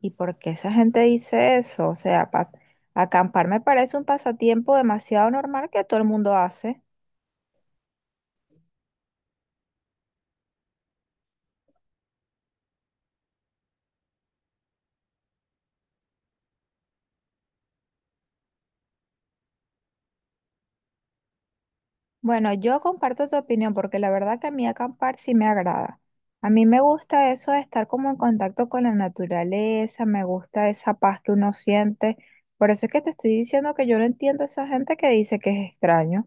¿Y por qué esa gente dice eso? O sea, acampar me parece un pasatiempo demasiado normal que todo el mundo hace. Bueno, yo comparto tu opinión porque la verdad que a mí acampar sí me agrada. A mí me gusta eso de estar como en contacto con la naturaleza, me gusta esa paz que uno siente. Por eso es que te estoy diciendo que yo no entiendo a esa gente que dice que es extraño.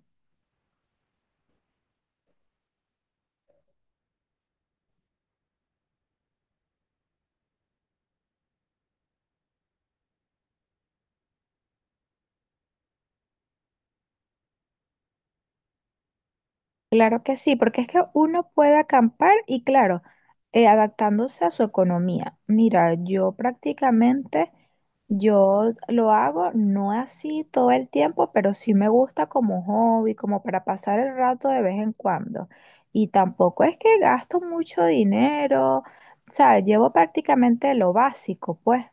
Claro que sí, porque es que uno puede acampar y claro, adaptándose a su economía. Mira, yo prácticamente, yo lo hago no así todo el tiempo, pero sí me gusta como hobby, como para pasar el rato de vez en cuando. Y tampoco es que gasto mucho dinero, o sea, llevo prácticamente lo básico, pues.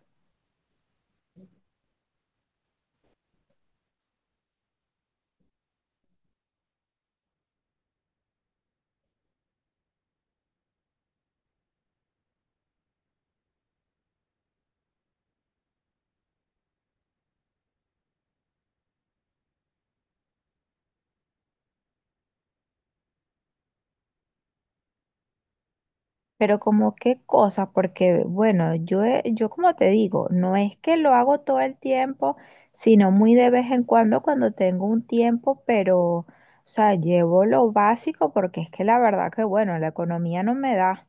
Pero como qué cosa, porque bueno, yo como te digo, no es que lo hago todo el tiempo, sino muy de vez en cuando cuando tengo un tiempo, pero, o sea, llevo lo básico porque es que la verdad que bueno, la economía no me da.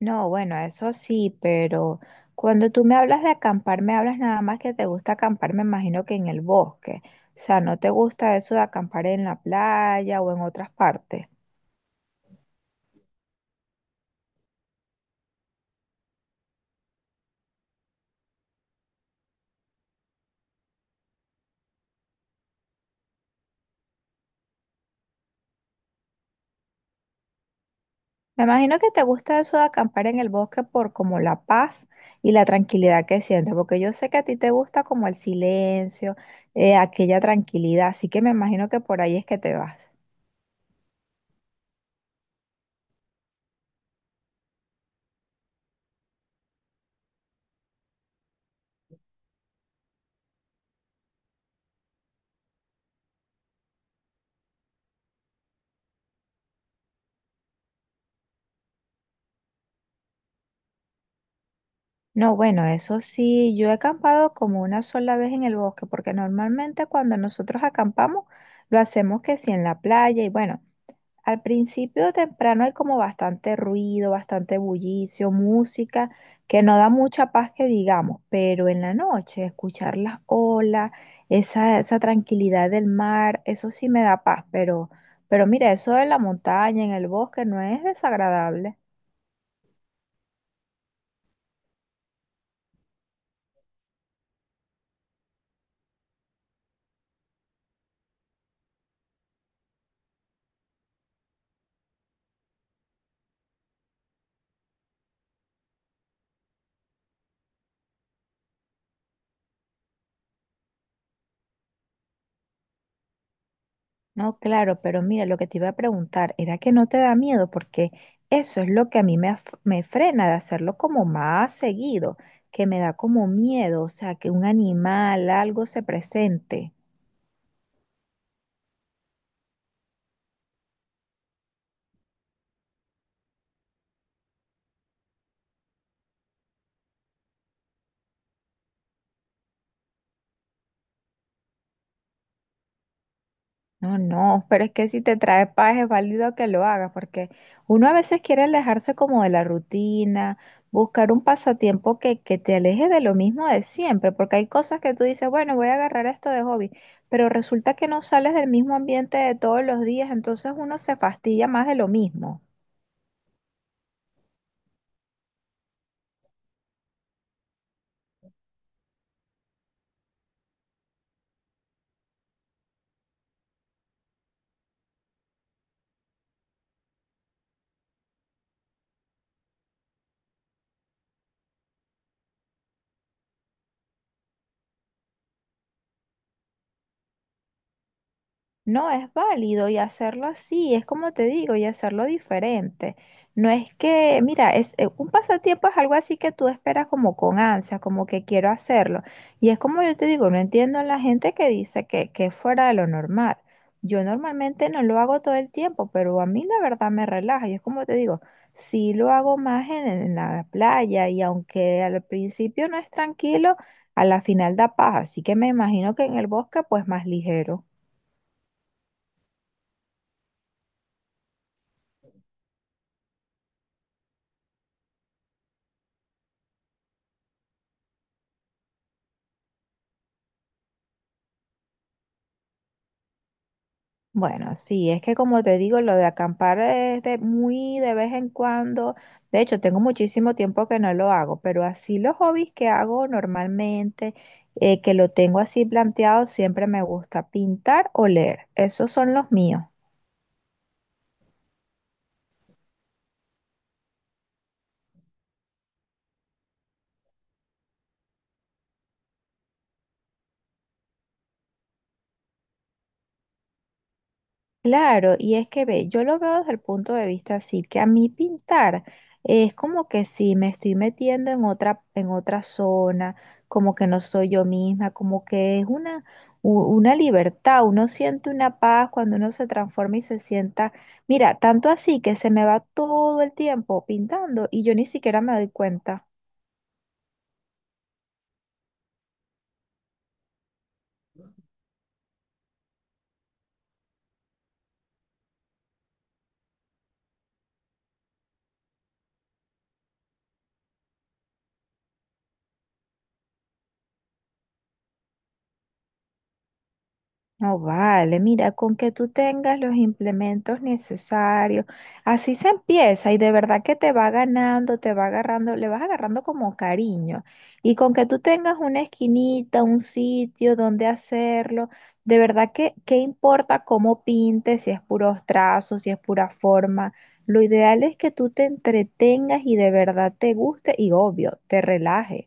No, bueno, eso sí, pero cuando tú me hablas de acampar, me hablas nada más que te gusta acampar, me imagino que en el bosque. O sea, ¿no te gusta eso de acampar en la playa o en otras partes? Me imagino que te gusta eso de acampar en el bosque por como la paz y la tranquilidad que sientes, porque yo sé que a ti te gusta como el silencio, aquella tranquilidad, así que me imagino que por ahí es que te vas. No, bueno, eso sí, yo he acampado como una sola vez en el bosque, porque normalmente cuando nosotros acampamos lo hacemos que sí en la playa y bueno. Al principio temprano hay como bastante ruido, bastante bullicio, música, que no da mucha paz que digamos, pero en la noche escuchar las olas, esa tranquilidad del mar, eso sí me da paz, pero mira, eso de la montaña, en el bosque, no es desagradable. No, claro, pero mira, lo que te iba a preguntar era que no te da miedo, porque eso es lo que a mí me frena de hacerlo como más seguido, que me da como miedo, o sea, que un animal, algo se presente. No, no, pero es que si te trae paz es válido que lo hagas, porque uno a veces quiere alejarse como de la rutina, buscar un pasatiempo que te aleje de lo mismo de siempre, porque hay cosas que tú dices, bueno, voy a agarrar esto de hobby, pero resulta que no sales del mismo ambiente de todos los días, entonces uno se fastidia más de lo mismo. No, es válido y hacerlo así, es como te digo, y hacerlo diferente. No es que, mira, es un pasatiempo es algo así que tú esperas como con ansia, como que quiero hacerlo. Y es como yo te digo, no entiendo a la gente que dice que es fuera de lo normal. Yo normalmente no lo hago todo el tiempo, pero a mí la verdad me relaja. Y es como te digo, sí lo hago más en la playa y aunque al principio no es tranquilo, a la final da paz. Así que me imagino que en el bosque pues más ligero. Bueno, sí, es que como te digo, lo de acampar es de muy de vez en cuando. De hecho, tengo muchísimo tiempo que no lo hago, pero así los hobbies que hago normalmente, que lo tengo así planteado, siempre me gusta pintar o leer. Esos son los míos. Claro, y es que ve, yo lo veo desde el punto de vista así, que a mí pintar es como que sí, me estoy metiendo en otra zona, como que no soy yo misma, como que es una, una libertad, uno siente una paz cuando uno se transforma y se sienta, mira, tanto así que se me va todo el tiempo pintando y yo ni siquiera me doy cuenta. No vale, mira, con que tú tengas los implementos necesarios, así se empieza y de verdad que te va ganando, te va agarrando, le vas agarrando como cariño. Y con que tú tengas una esquinita, un sitio donde hacerlo, de verdad que, ¿qué importa cómo pintes, si es puros trazos, si es pura forma? Lo ideal es que tú te entretengas y de verdad te guste y obvio, te relajes.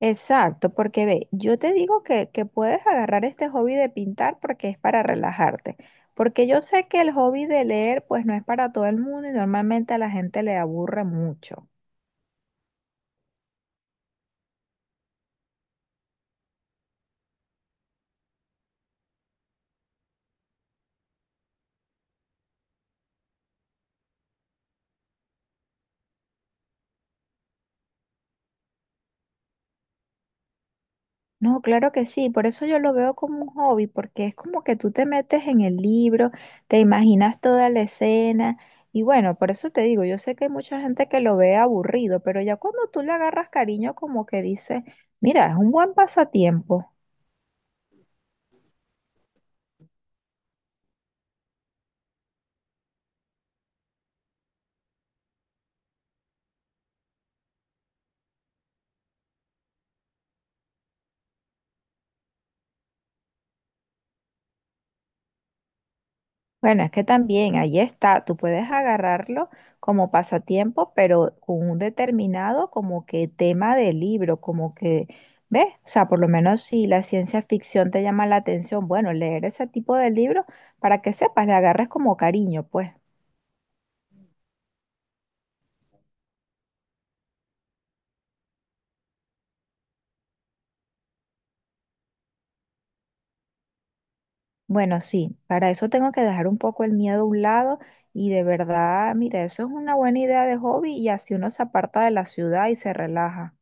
Exacto, porque ve, yo te digo que puedes agarrar este hobby de pintar porque es para relajarte, porque yo sé que el hobby de leer pues no es para todo el mundo y normalmente a la gente le aburre mucho. No, claro que sí, por eso yo lo veo como un hobby, porque es como que tú te metes en el libro, te imaginas toda la escena y bueno, por eso te digo, yo sé que hay mucha gente que lo ve aburrido, pero ya cuando tú le agarras cariño como que dices, mira, es un buen pasatiempo. Bueno, es que también ahí está, tú puedes agarrarlo como pasatiempo, pero con un determinado como que tema de libro, como que, ¿ves? O sea, por lo menos si la ciencia ficción te llama la atención, bueno, leer ese tipo de libro para que sepas, le agarres como cariño, pues. Bueno, sí, para eso tengo que dejar un poco el miedo a un lado y de verdad, mira, eso es una buena idea de hobby y así uno se aparta de la ciudad y se relaja.